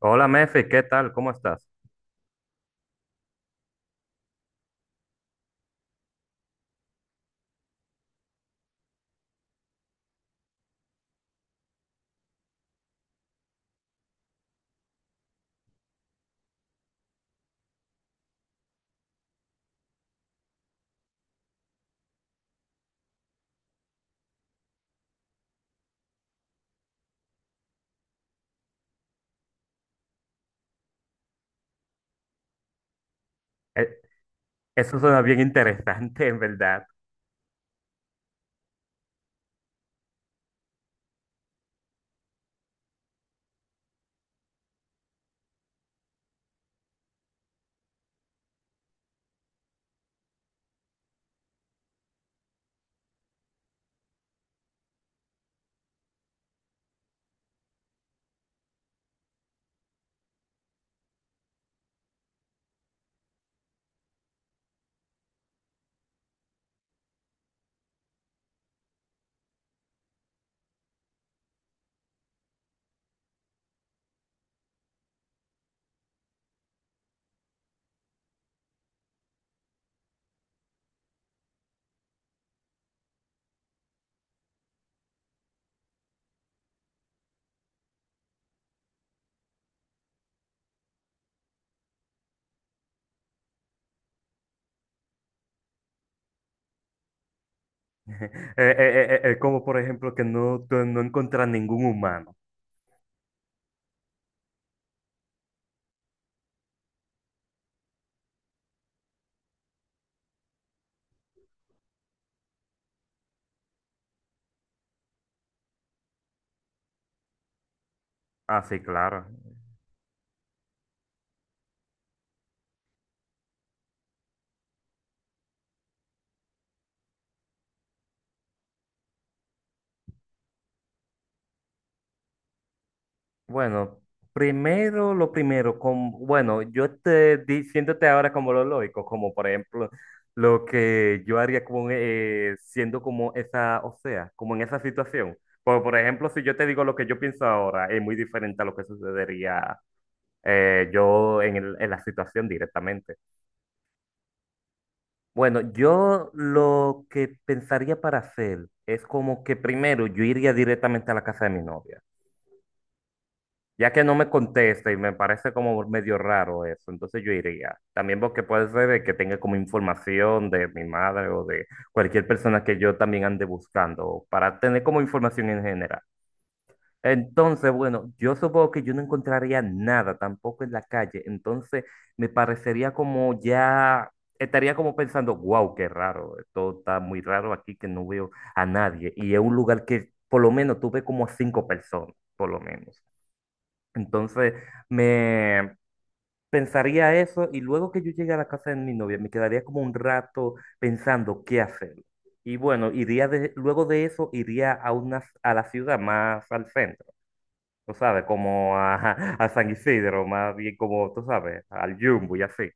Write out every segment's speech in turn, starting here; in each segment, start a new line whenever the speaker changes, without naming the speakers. Hola, Mefi, ¿qué tal? ¿Cómo estás? Eh, Eso suena bien interesante, en verdad. Eh, como por ejemplo que no, tú no encuentras ningún humano. Ah, sí, claro. Bueno, primero lo primero, con, bueno, yo te diciéndote ahora como lo lógico, como por ejemplo lo que yo haría con, siendo como esa, o sea, como en esa situación. Por ejemplo, si yo te digo lo que yo pienso ahora, es muy diferente a lo que sucedería yo en el- en la situación directamente. Bueno, yo lo que pensaría para hacer es como que primero yo iría directamente a la casa de mi novia, ya que no me contesta y me parece como medio raro eso, entonces yo iría. También porque puede ser de que tenga como información de mi madre o de cualquier persona que yo también ande buscando, para tener como información en general. Entonces, bueno, yo supongo que yo no encontraría nada tampoco en la calle. Entonces, me parecería como ya, estaría como pensando, wow, qué raro, esto está muy raro aquí que no veo a nadie. Y es un lugar que por lo menos tuve como a cinco personas, por lo menos. Entonces, me pensaría eso y luego que yo llegue a la casa de mi novia, me quedaría como un rato pensando qué hacer. Y bueno, iría de- luego de eso, iría a, una, a la ciudad más al centro, tú sabes, como a, a San Isidro, más bien como, tú sabes, al Jumbo y así.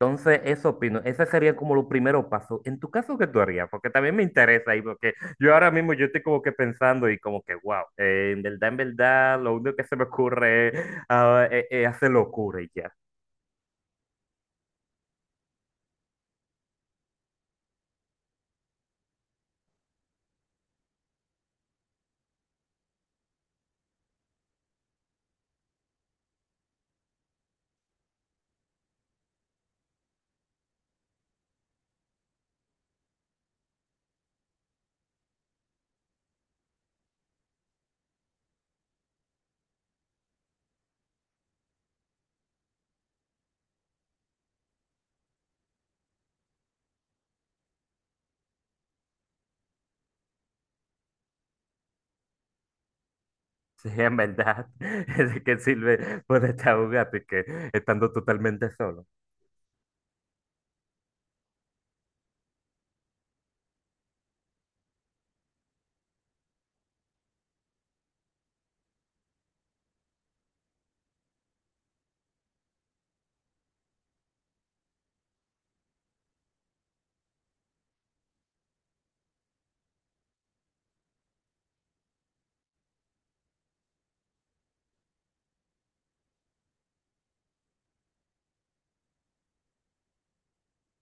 Entonces, eso opino, ese sería como los primeros pasos. En tu caso, ¿qué tú harías? Porque también me interesa ahí, porque yo ahora mismo yo estoy como que pensando y como que, wow, en verdad, lo único que se me ocurre es, ah, hacer locura y ya. Sí, en verdad, es que sirve poner a un gato y que estando totalmente solo.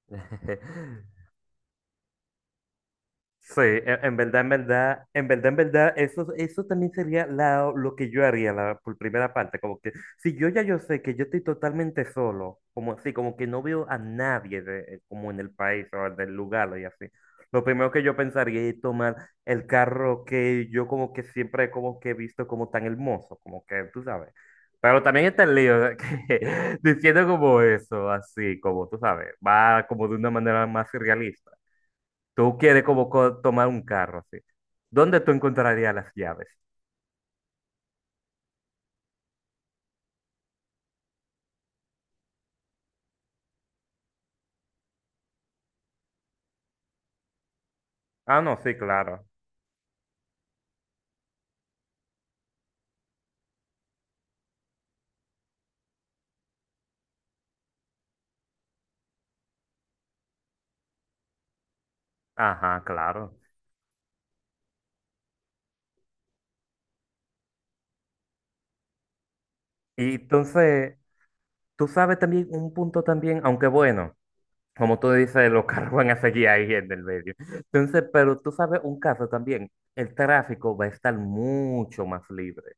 Sí, en verdad, en verdad, en verdad, en verdad, eso también sería la- lo que yo haría la, por primera parte, como que si yo ya yo sé que yo estoy totalmente solo, como así, como que no veo a nadie de- como en el país o del lugar y así, lo primero que yo pensaría es tomar el carro que yo como que siempre como que he visto como tan hermoso, como que tú sabes, pero también está el lío de que, diciendo como eso, así, como tú sabes, va como de una manera más realista. Tú quieres como co- tomar un carro, así. ¿Dónde tú encontrarías las llaves? Ah, no, sí, claro. Ajá, claro. Y entonces, tú sabes también un punto también, aunque bueno, como tú dices, los carros van a seguir ahí en el medio. Entonces, pero tú sabes un caso también, el tráfico va a estar mucho más libre.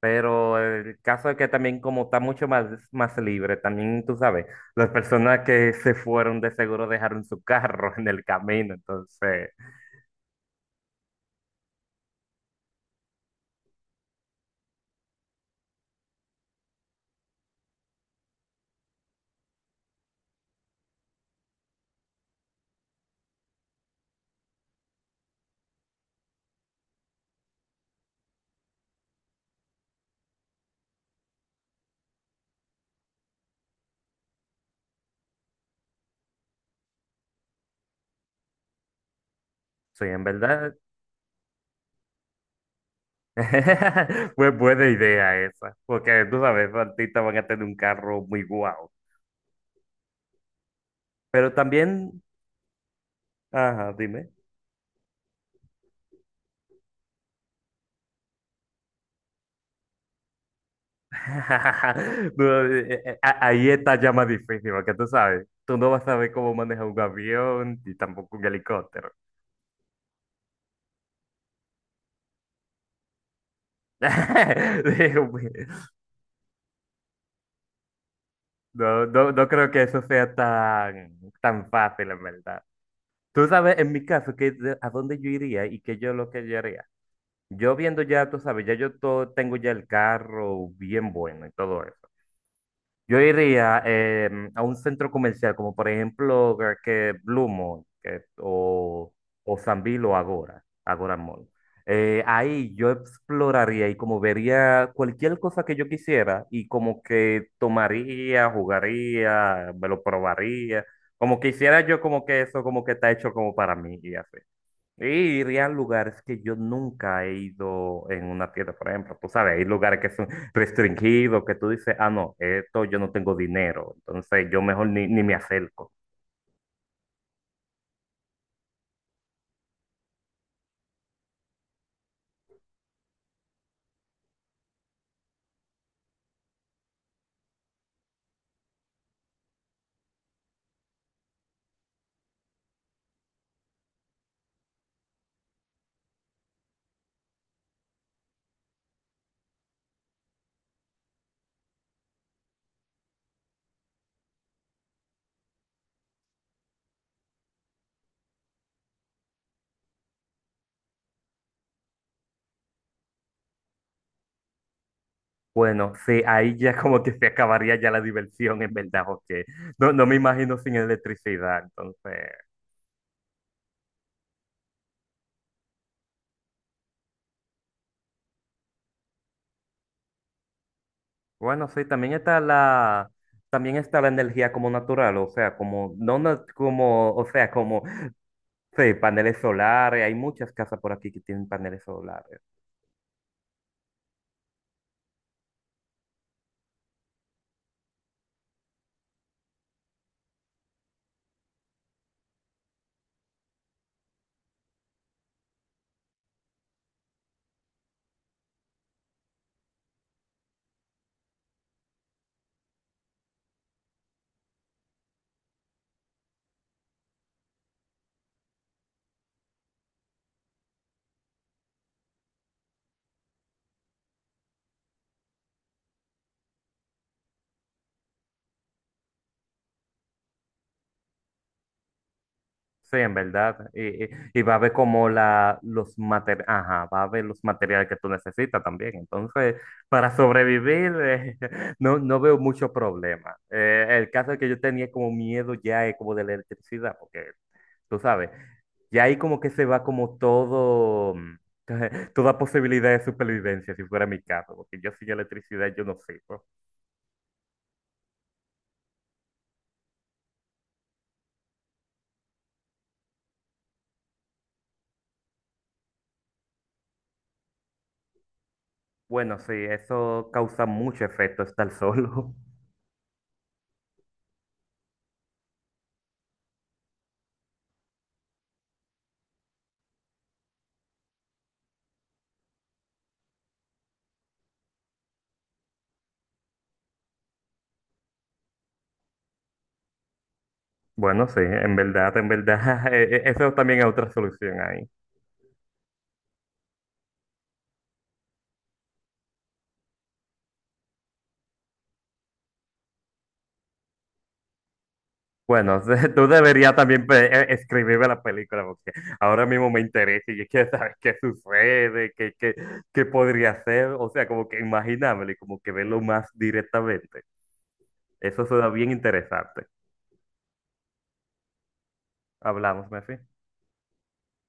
Pero el caso es que también como está mucho más, más libre, también tú sabes, las personas que se fueron de seguro dejaron su carro en el camino. Entonces, sí, en verdad. Pues buena idea esa, porque tú sabes, los artistas van a tener un carro muy guau. Pero también, ajá, dime. No, a- Ahí está ya más difícil, porque tú sabes, tú no vas a saber cómo manejar un avión y tampoco un helicóptero. Digo, pues, no, no, no creo que eso sea tan, tan fácil, en verdad. Tú sabes, en mi caso, que, de- a dónde yo iría y qué yo lo que yo haría. Yo viendo ya, tú sabes, ya yo todo, tengo ya el carro bien bueno y todo eso. Yo iría a un centro comercial como por ejemplo que Blue Mall que- o Sambil o Agora, Agora Mall. Ahí yo exploraría y como vería cualquier cosa que yo quisiera y como que tomaría, jugaría, me lo probaría, como quisiera yo como que eso como que está hecho como para mí y así. Y ir a lugares que yo nunca he ido en una tienda, por ejemplo, tú sabes, hay lugares que son restringidos, que tú dices, ah, no, esto yo no tengo dinero, entonces yo mejor ni, ni me acerco. Bueno, sí, ahí ya como que se acabaría ya la diversión, en verdad, porque no, no me imagino sin electricidad, entonces, bueno, sí, también está la energía como natural, o sea, como, no, na- como, o sea, como, sí, paneles solares, hay muchas casas por aquí que tienen paneles solares. Sí, en verdad. Y va a ver como la, los materiales, ajá, va a ver los materiales que tú necesitas también. Entonces, para sobrevivir, no, no veo mucho problema. El caso es que yo tenía como miedo ya como de la electricidad, porque tú sabes, ya ahí como que se va como todo, toda posibilidad de supervivencia, si fuera mi caso, porque yo sin electricidad yo no sirvo. Bueno, sí, eso causa mucho efecto estar solo. Bueno, sí, en verdad, eso también es otra solución ahí. Bueno, tú deberías también pe- escribirme la película porque ahora mismo me interesa y yo quiero saber qué sucede, qué, qué, qué podría hacer, o sea, como que imaginármelo y como que verlo más directamente. Eso suena bien interesante. Hablamos, Mefi.